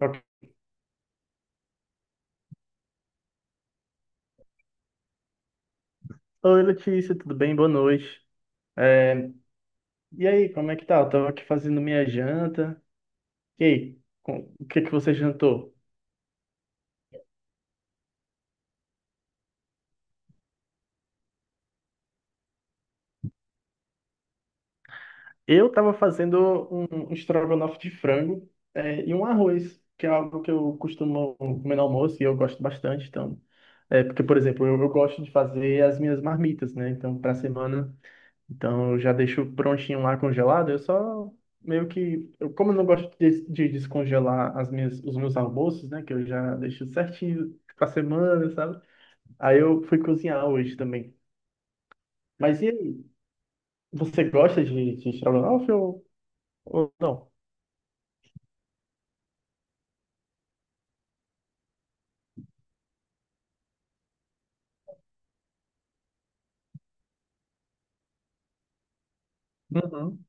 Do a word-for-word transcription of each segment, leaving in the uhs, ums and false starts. Ok. Oi, Letícia, tudo bem? Boa noite. E aí, como é que tá? Eu tava aqui fazendo minha janta. E aí, com- o que que você jantou? Eu tava fazendo um, um estrogonofe de frango, é, e um arroz, que é algo que eu costumo comer no almoço e eu gosto bastante. Então, é, porque, por exemplo, eu, eu gosto de fazer as minhas marmitas, né? Então, pra semana. Então eu já deixo prontinho lá congelado, eu só meio que, eu, como eu não gosto de, de descongelar as minhas, os meus almoços, né, que eu já deixo certinho pra semana, sabe? Aí eu fui cozinhar hoje também. Mas e aí, você gosta de, de estrogonofe ou, ou não? Uhum.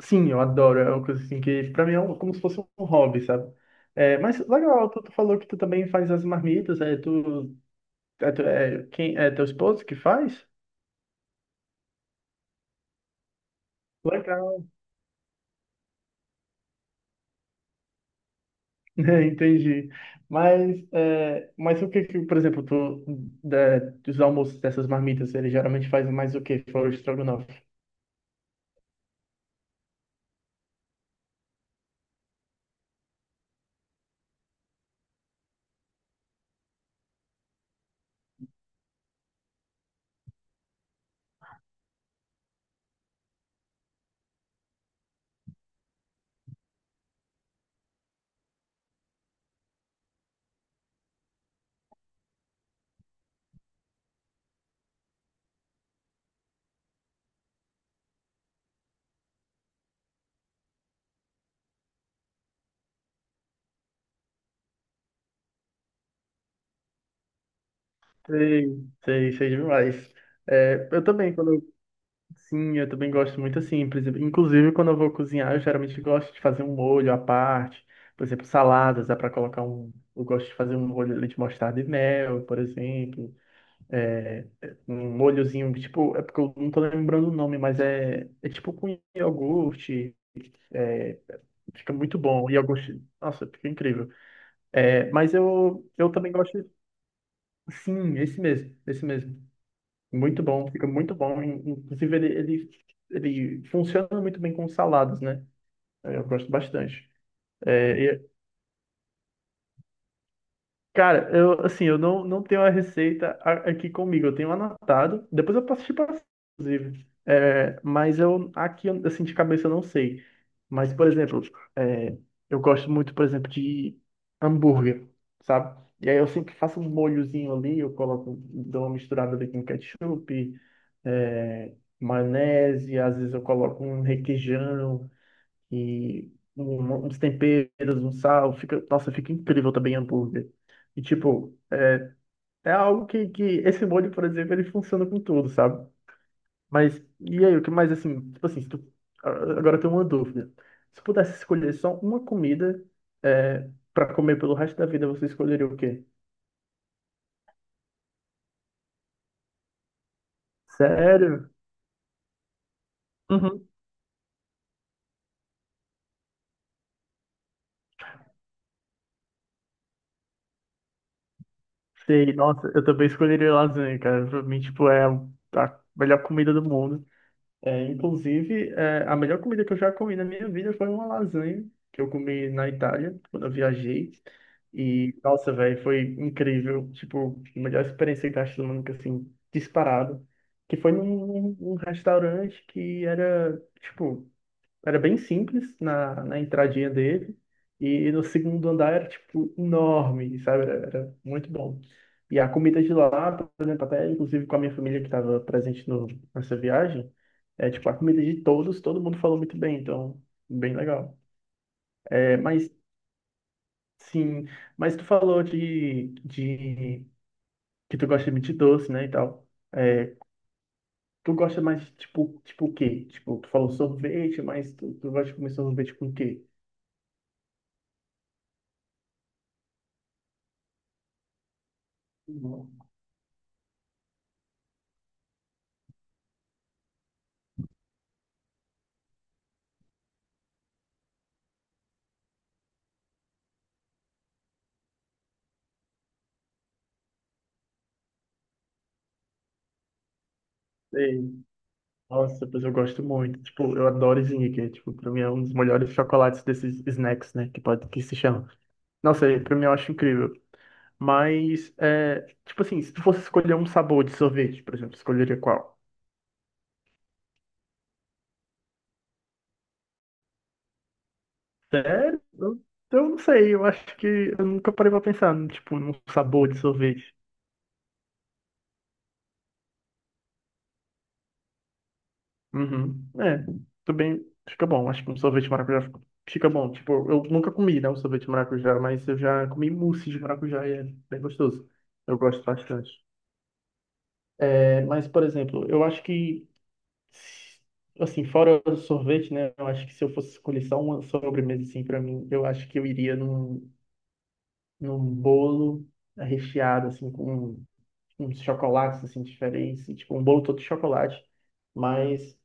Sim, eu adoro, é uma coisa assim que pra mim é um- como se fosse um hobby, sabe? É, mas legal, tu, tu falou que tu também faz as marmitas, é tu, é, tu- é quem, é teu esposo que faz? Legal. Entendi. Mas, é, mas o que, que, por exemplo, tu, da- dos almoços dessas marmitas, eles geralmente fazem mais o que? Fora o estrogonofe. Sei, sei, sei demais. É, eu também, quando eu, sim, eu também gosto muito assim. Por exemplo, inclusive, quando eu vou cozinhar, eu geralmente gosto de fazer um molho à parte. Por exemplo, saladas, dá para colocar um. Eu gosto de fazer um molho ali de mostarda e mel, por exemplo. É, um molhozinho, tipo, é porque eu não tô lembrando o nome, mas é, é tipo com iogurte. Fica muito bom. E eu gosto. Nossa, fica incrível. É, mas eu, eu também gosto. Sim, esse mesmo. Esse mesmo. Muito bom. Fica muito bom. In- Inclusive, ele, ele, ele funciona muito bem com saladas, né? Eu gosto bastante. É, cara, eu assim, eu não, não tenho a receita a- aqui comigo, eu tenho anotado, depois eu posso te passar, inclusive. É, mas eu aqui assim de cabeça eu não sei. Mas, por exemplo, é, eu gosto muito, por exemplo, de hambúrguer, sabe? E aí eu sempre faço um molhozinho ali, eu coloco, dou uma misturada ali com ketchup, é, maionese, às vezes eu coloco um requeijão. E um- uns temperos, um sal, fica, nossa, fica incrível também hambúrguer. E tipo, é algo que, que esse molho, por exemplo, ele funciona com tudo, sabe? Mas, e aí, o que mais assim, tipo assim, se tu, agora eu tenho uma dúvida. Se pudesse escolher só uma comida é, para comer pelo resto da vida, você escolheria o quê? Sério? Uhum. Sei, nossa, eu também escolheria lasanha, cara. Pra mim, tipo, é a melhor comida do mundo. É, inclusive, é, a melhor comida que eu já comi na minha vida foi uma lasanha que eu comi na Itália, quando eu viajei. E, nossa, velho, foi incrível. Tipo, a melhor experiência gastronômica, assim, disparado. Que foi num, num restaurante que era, tipo, era bem simples na, na entradinha dele. E no segundo andar era, tipo, enorme, sabe? Era, era muito bom. E a comida de lá, por exemplo, até inclusive com a minha família que estava presente no, nessa viagem, é tipo, a comida de todos, todo mundo falou muito bem, então, bem legal. É, mas, sim, mas tu falou de, de que tu gosta muito de doce, né, e tal. É, tu gosta mais de, tipo, tipo o quê? Tipo, tu falou sorvete, mas tu, tu gosta de comer sorvete com o quê? Não sei. Nossa, pois eu gosto muito. Tipo, eu adoro Snickers. Tipo, pra mim é um dos melhores chocolates desses snacks, né? Que pode que se chama. Nossa, é- pra mim eu acho incrível. Mas, é, tipo assim, se tu fosse escolher um sabor de sorvete, por exemplo, escolheria qual? Sério? Eu, eu não sei. Eu acho que eu nunca parei pra pensar, num, tipo, num sabor de sorvete. Uhum. É, tudo bem. Fica bom. Acho que um sorvete de maracujá fica fica bom. Tipo, eu nunca comi, né, um sorvete de maracujá, mas eu já comi mousse de maracujá e é bem gostoso. Eu gosto bastante. É, mas, por exemplo, eu acho que, assim, fora o sorvete, né? Eu acho que se eu fosse escolher só uma sobremesa, assim, para mim, eu acho que eu iria num, num bolo recheado, assim, com uns chocolates, assim, diferentes. Tipo, um bolo todo de chocolate, mas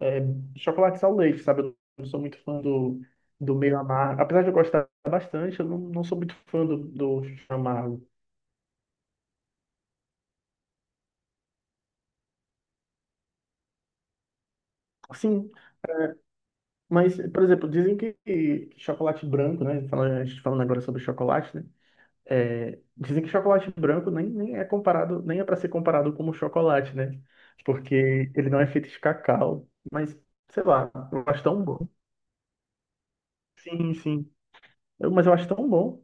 é, chocolate ao leite, sabe? Eu não sou muito fã do, do meio amargo. Apesar de eu gostar bastante, eu não, não sou muito fã do, do amargo. Assim, mas, por exemplo, dizem que, que chocolate branco, né? fala- A gente falando agora sobre chocolate, né? É, dizem que chocolate branco nem, nem é comparado, nem é para ser comparado como chocolate, né? Porque ele não é feito de cacau. Mas, sei lá, eu acho tão bom. Sim, sim. Eu- mas eu acho tão bom.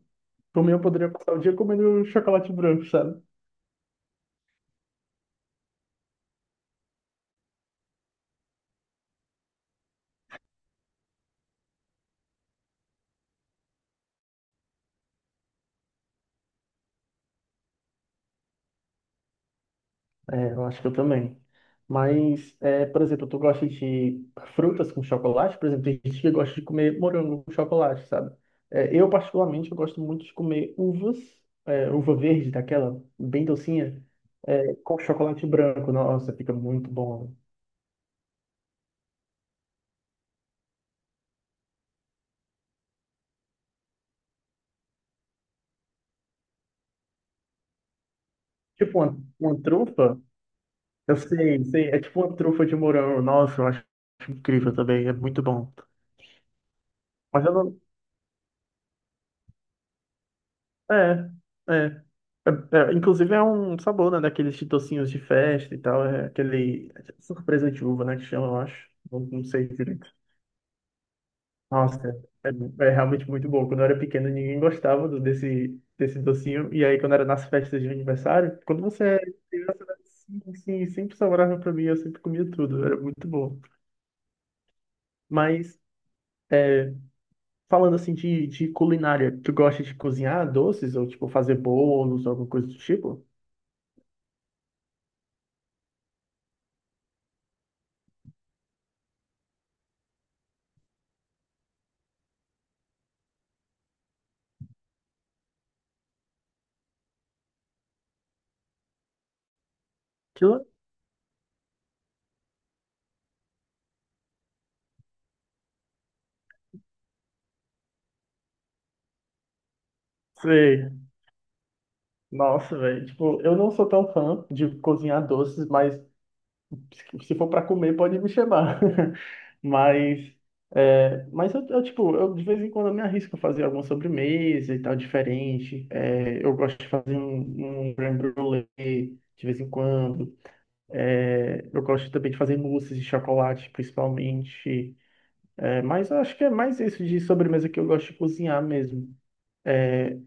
Por mim, eu poderia passar o dia comendo chocolate branco, sabe? É, eu acho que eu também. Mas, é, por exemplo, tu gosta de frutas com chocolate? Por exemplo, tem gente que gosta de comer morango com chocolate, sabe? É, eu, particularmente, eu gosto muito de comer uvas, é, uva verde, daquela bem docinha, é, com chocolate branco. Nossa, fica muito bom. Tipo uma, uma trufa, eu sei, sei, é tipo uma trufa de morango. Nossa, eu acho incrível também, é muito bom. Mas eu não, é, é. É, é, inclusive é um sabor, né, daqueles chitocinhos de festa e tal, é aquele surpresa de uva, né, que chama, eu acho. Não, não sei direito. Nossa, é realmente muito bom. Quando eu era pequeno, ninguém gostava do- desse, desse docinho. E aí, quando era nas festas de aniversário, quando você era criança, né, sim, sim, sempre sobrava pra mim, eu sempre comia tudo. Era muito bom. Mas, falando assim de, de culinária, tu gosta de cozinhar doces ou, tipo, fazer bolos ou alguma coisa do tipo? Que, le- Sei. Nossa, velho. Tipo, eu não sou tão fã de cozinhar doces, mas se for pra comer, pode me chamar. Mas, é, mas eu, eu, tipo, eu de vez em quando eu me arrisco a fazer alguma sobremesa e tal, diferente. É, eu gosto de fazer um, um crème brûlée de vez em quando. É, eu gosto também de fazer mousses de chocolate, principalmente. É, mas eu acho que é mais isso de sobremesa que eu gosto de cozinhar mesmo. É,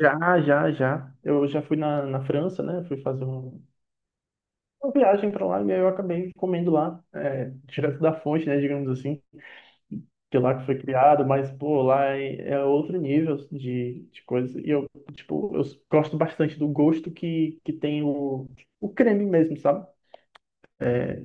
já, já, já. Eu já fui na, na França, né? Fui fazer um- uma viagem para lá e aí eu acabei comendo lá, é, direto da fonte, né? Digamos assim, que lá que foi criado, mas, pô, lá é, é outro nível de, de coisa. E eu, tipo, eu gosto bastante do gosto que, que tem o, o creme mesmo, sabe? É,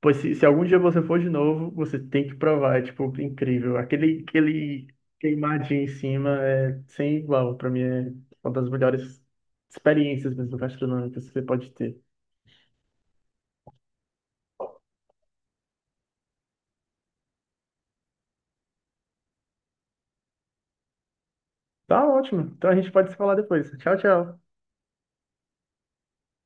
pois se, se algum dia você for de novo, você tem que provar, é tipo incrível. Aquele, aquele queimadinho em cima é sem igual. Pra mim é uma das melhores experiências mesmo gastronômicas que você pode ter. Tá ótimo. Então a gente pode se falar depois. Tchau, tchau.